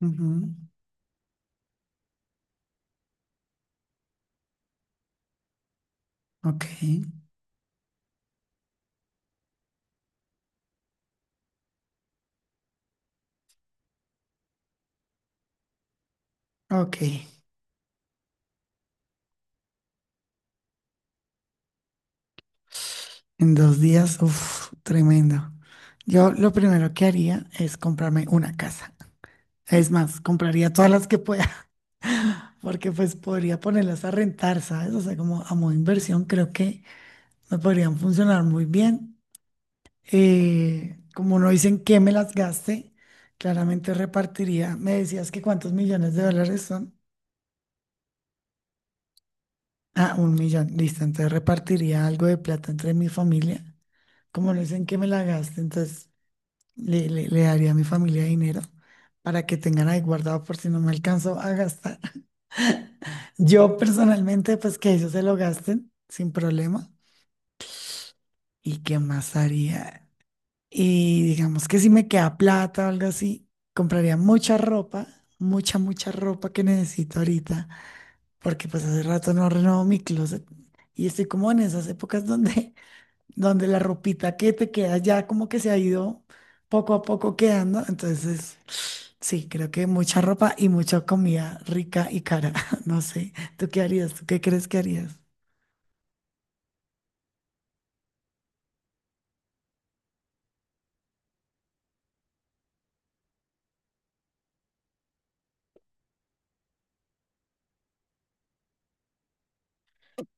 Ujú. Ok, ok. En dos días, uff, tremendo. Yo lo primero que haría es comprarme una casa. Es más, compraría todas las que pueda, porque pues podría ponerlas a rentar, ¿sabes? O sea, como a modo de inversión, creo que me podrían funcionar muy bien. Como no dicen que me las gaste, claramente repartiría. Me decías que cuántos millones de dólares son. Ah, un millón, listo. Entonces repartiría algo de plata entre mi familia, como no dicen que me la gaste, entonces le daría a mi familia dinero para que tengan ahí guardado por si no me alcanzo a gastar. Yo personalmente, pues que ellos se lo gasten sin problema. ¿Y qué más haría? Y digamos que si me queda plata o algo así, compraría mucha ropa, mucha, mucha ropa que necesito ahorita, porque pues hace rato no renovo mi closet y estoy como en esas épocas donde la ropita que te queda ya como que se ha ido poco a poco quedando. Entonces, sí, creo que mucha ropa y mucha comida rica y cara. No sé, ¿tú qué harías? ¿Tú qué crees que harías?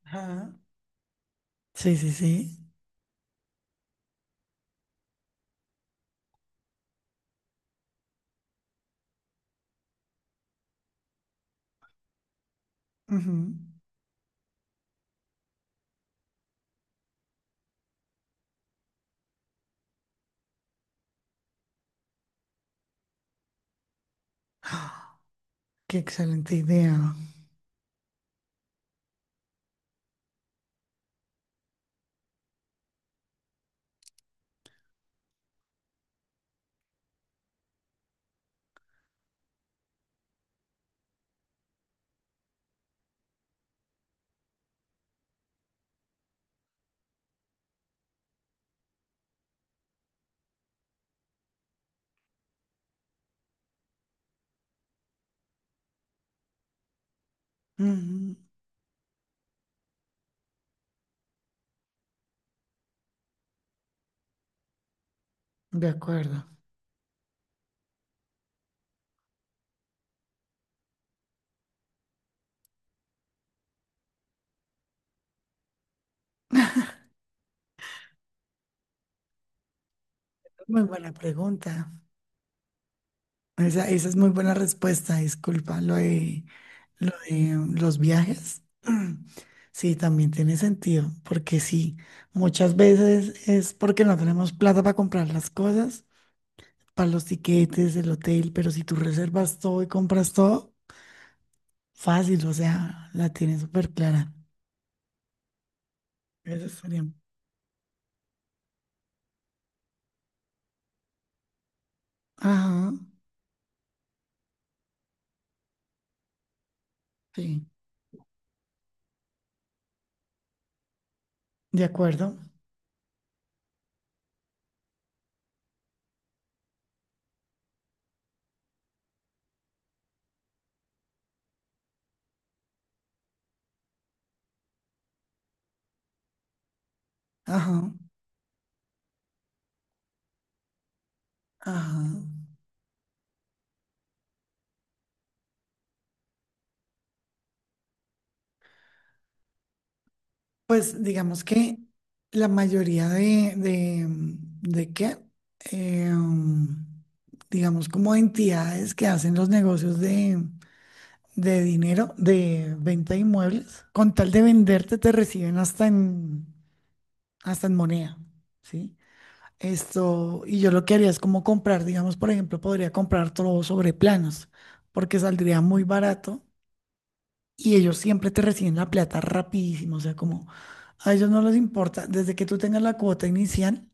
Ajá. Sí, sí, sí. Ujú. Qué excelente idea. Ujú. De acuerdo. Muy buena pregunta. Esa es muy buena respuesta. Disculpa, lo de los viajes, sí, también tiene sentido, porque sí, muchas veces es porque no tenemos plata para comprar las cosas, para los tiquetes, el hotel, pero si tú reservas todo y compras todo, fácil, o sea, la tienes súper clara. Eso estaría. Ajá, sí, de acuerdo. Ajá, ajá. Pues digamos que la mayoría de qué, Em, digamos como entidades que hacen los negocios de dinero, de venta de inmuebles, con tal de venderte te reciben hasta en moneda, ¿sí? Esto, y yo lo que haría es como comprar, digamos, por ejemplo, podría comprar todo sobre planos, porque saldría muy barato y ellos siempre te reciben la plata rapidísimo, o sea, como a ellos no les importa, desde que tú tengas la cuota inicial,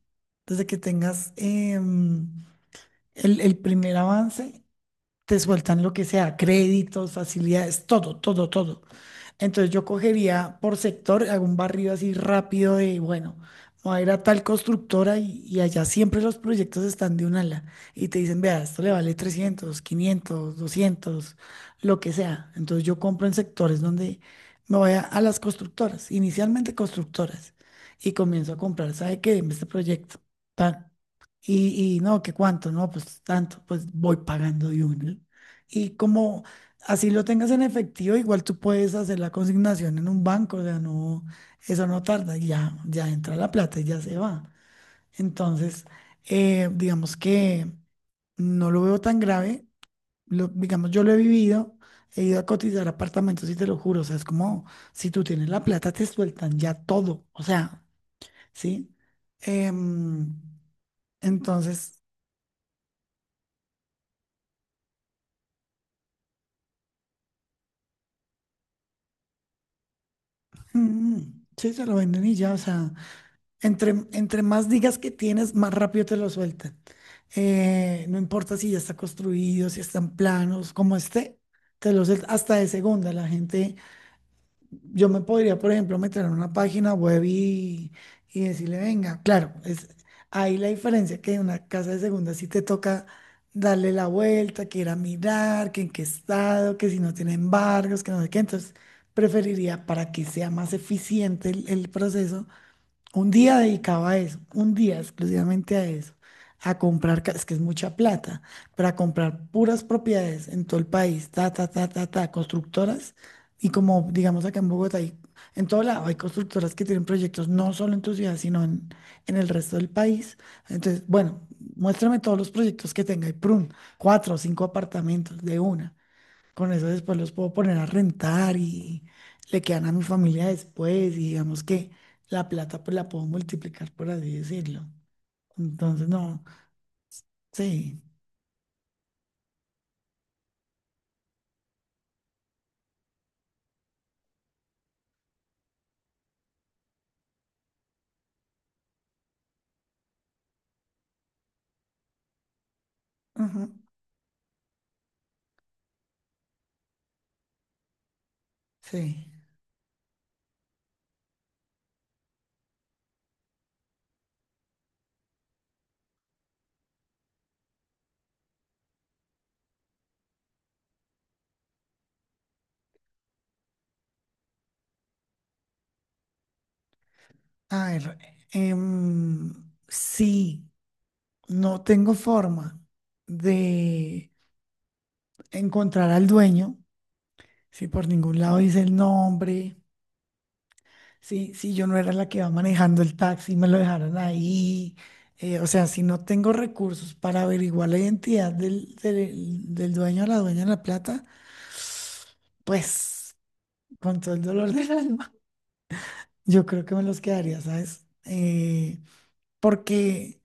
desde que tengas el primer avance, te sueltan lo que sea, créditos, facilidades, todo, todo, todo. Entonces yo cogería por sector, hago un barrido así rápido de, bueno, voy a ir a tal constructora y allá siempre los proyectos están de un ala y te dicen, vea, esto le vale 300 500 200, lo que sea. Entonces yo compro en sectores donde me voy a las constructoras, inicialmente constructoras, y comienzo a comprar, ¿sabe qué? Deme este proyecto. Tan. Y no, que cuánto, no, pues tanto, pues voy pagando de uno. Y como así lo tengas en efectivo, igual tú puedes hacer la consignación en un banco, o sea, no, eso no tarda, ya, ya entra la plata y ya se va. Entonces, digamos que no lo veo tan grave, digamos, yo lo he vivido, he ido a cotizar apartamentos y te lo juro, o sea, es como si tú tienes la plata, te sueltan ya todo, o sea, ¿sí? Em, entonces... Mm, sí, se lo venden y ya, o sea, entre más digas que tienes, más rápido te lo sueltan. No importa si ya está construido, si están planos, como esté, te lo sueltan hasta de segunda. La gente, yo me podría, por ejemplo, meter en una página web y decirle, venga, claro, es ahí la diferencia, que en una casa de segunda sí te toca darle la vuelta, que ir a mirar, que en qué estado, que si no tiene embargos, que no sé qué. Entonces, preferiría, para que sea más eficiente el proceso, un día dedicado a eso, un día exclusivamente a eso, a comprar, es que es mucha plata, pero a comprar puras propiedades en todo el país, ta, ta, ta, ta, ta, constructoras, y, como digamos, acá en Bogotá, en todo lado hay constructoras que tienen proyectos no solo en tu ciudad, sino en el resto del país. Entonces, bueno, muéstrame todos los proyectos que tenga y prun, cuatro o cinco apartamentos de una. Con eso después los puedo poner a rentar y le quedan a mi familia después, y digamos que la plata pues la puedo multiplicar, por así decirlo. Entonces, no, sí, ujú, sí. A ver, em, si no tengo forma de encontrar al dueño, si por ningún lado dice el nombre... Sí, sí, yo no era la que iba manejando el taxi, me lo dejaron ahí. O sea, si no tengo recursos para averiguar la identidad del dueño o la dueña de la plata, pues con todo el dolor del alma, yo creo que me los quedaría, ¿sabes? Porque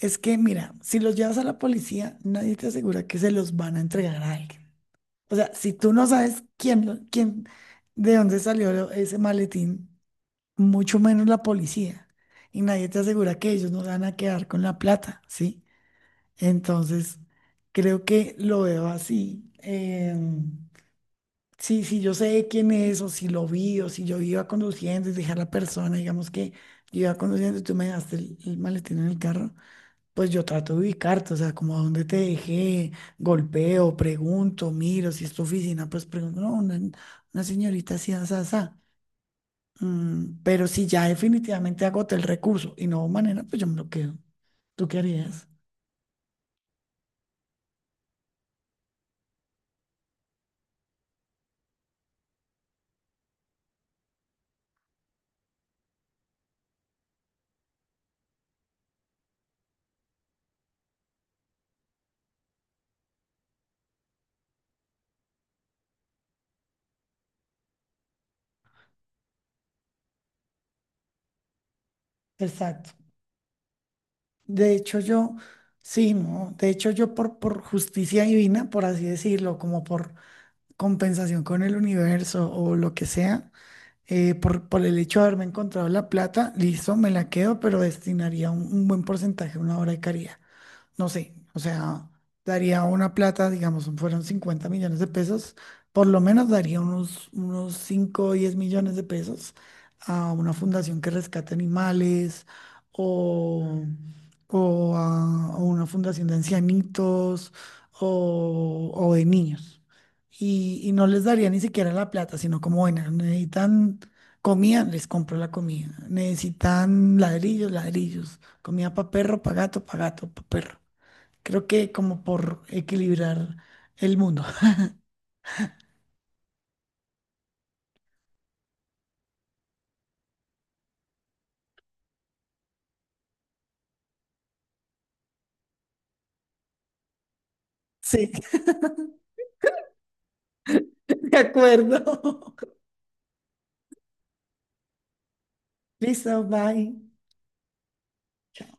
es que, mira, si los llevas a la policía, nadie te asegura que se los van a entregar a alguien. O sea, si tú no sabes quién, quién, de dónde salió ese maletín, mucho menos la policía. Y nadie te asegura que ellos no van a quedar con la plata, ¿sí? Entonces, creo que lo veo así. Sí, sí, yo sé quién es, o si lo vi, o si yo iba conduciendo y dejé a la persona, digamos que yo iba conduciendo y tú me dejaste el maletín en el carro, pues yo trato de ubicarte, o sea, como a dónde te dejé, golpeo, pregunto, miro, si es tu oficina, pues pregunto, no, una señorita así, así, así. Pero si ya definitivamente agoté el recurso y no hubo manera, pues yo me lo quedo. ¿Tú qué harías? Exacto. De hecho, yo, sí, no. De hecho, yo por justicia divina, por así decirlo, como por compensación con el universo o lo que sea, por el hecho de haberme encontrado la plata, listo, me la quedo, pero destinaría un buen porcentaje a una obra de caridad. No sé, o sea, daría una plata, digamos, fueron 50 millones de pesos, por lo menos daría unos cinco o 10 millones de pesos a una fundación que rescate animales o, o a una fundación de ancianitos o de niños. Y no les daría ni siquiera la plata, sino como, bueno, necesitan comida, les compro la comida. Necesitan ladrillos, ladrillos. Comida para perro, para gato, para gato, para perro. Creo que como por equilibrar el mundo. Sí, de acuerdo. Listo, bye. Chao.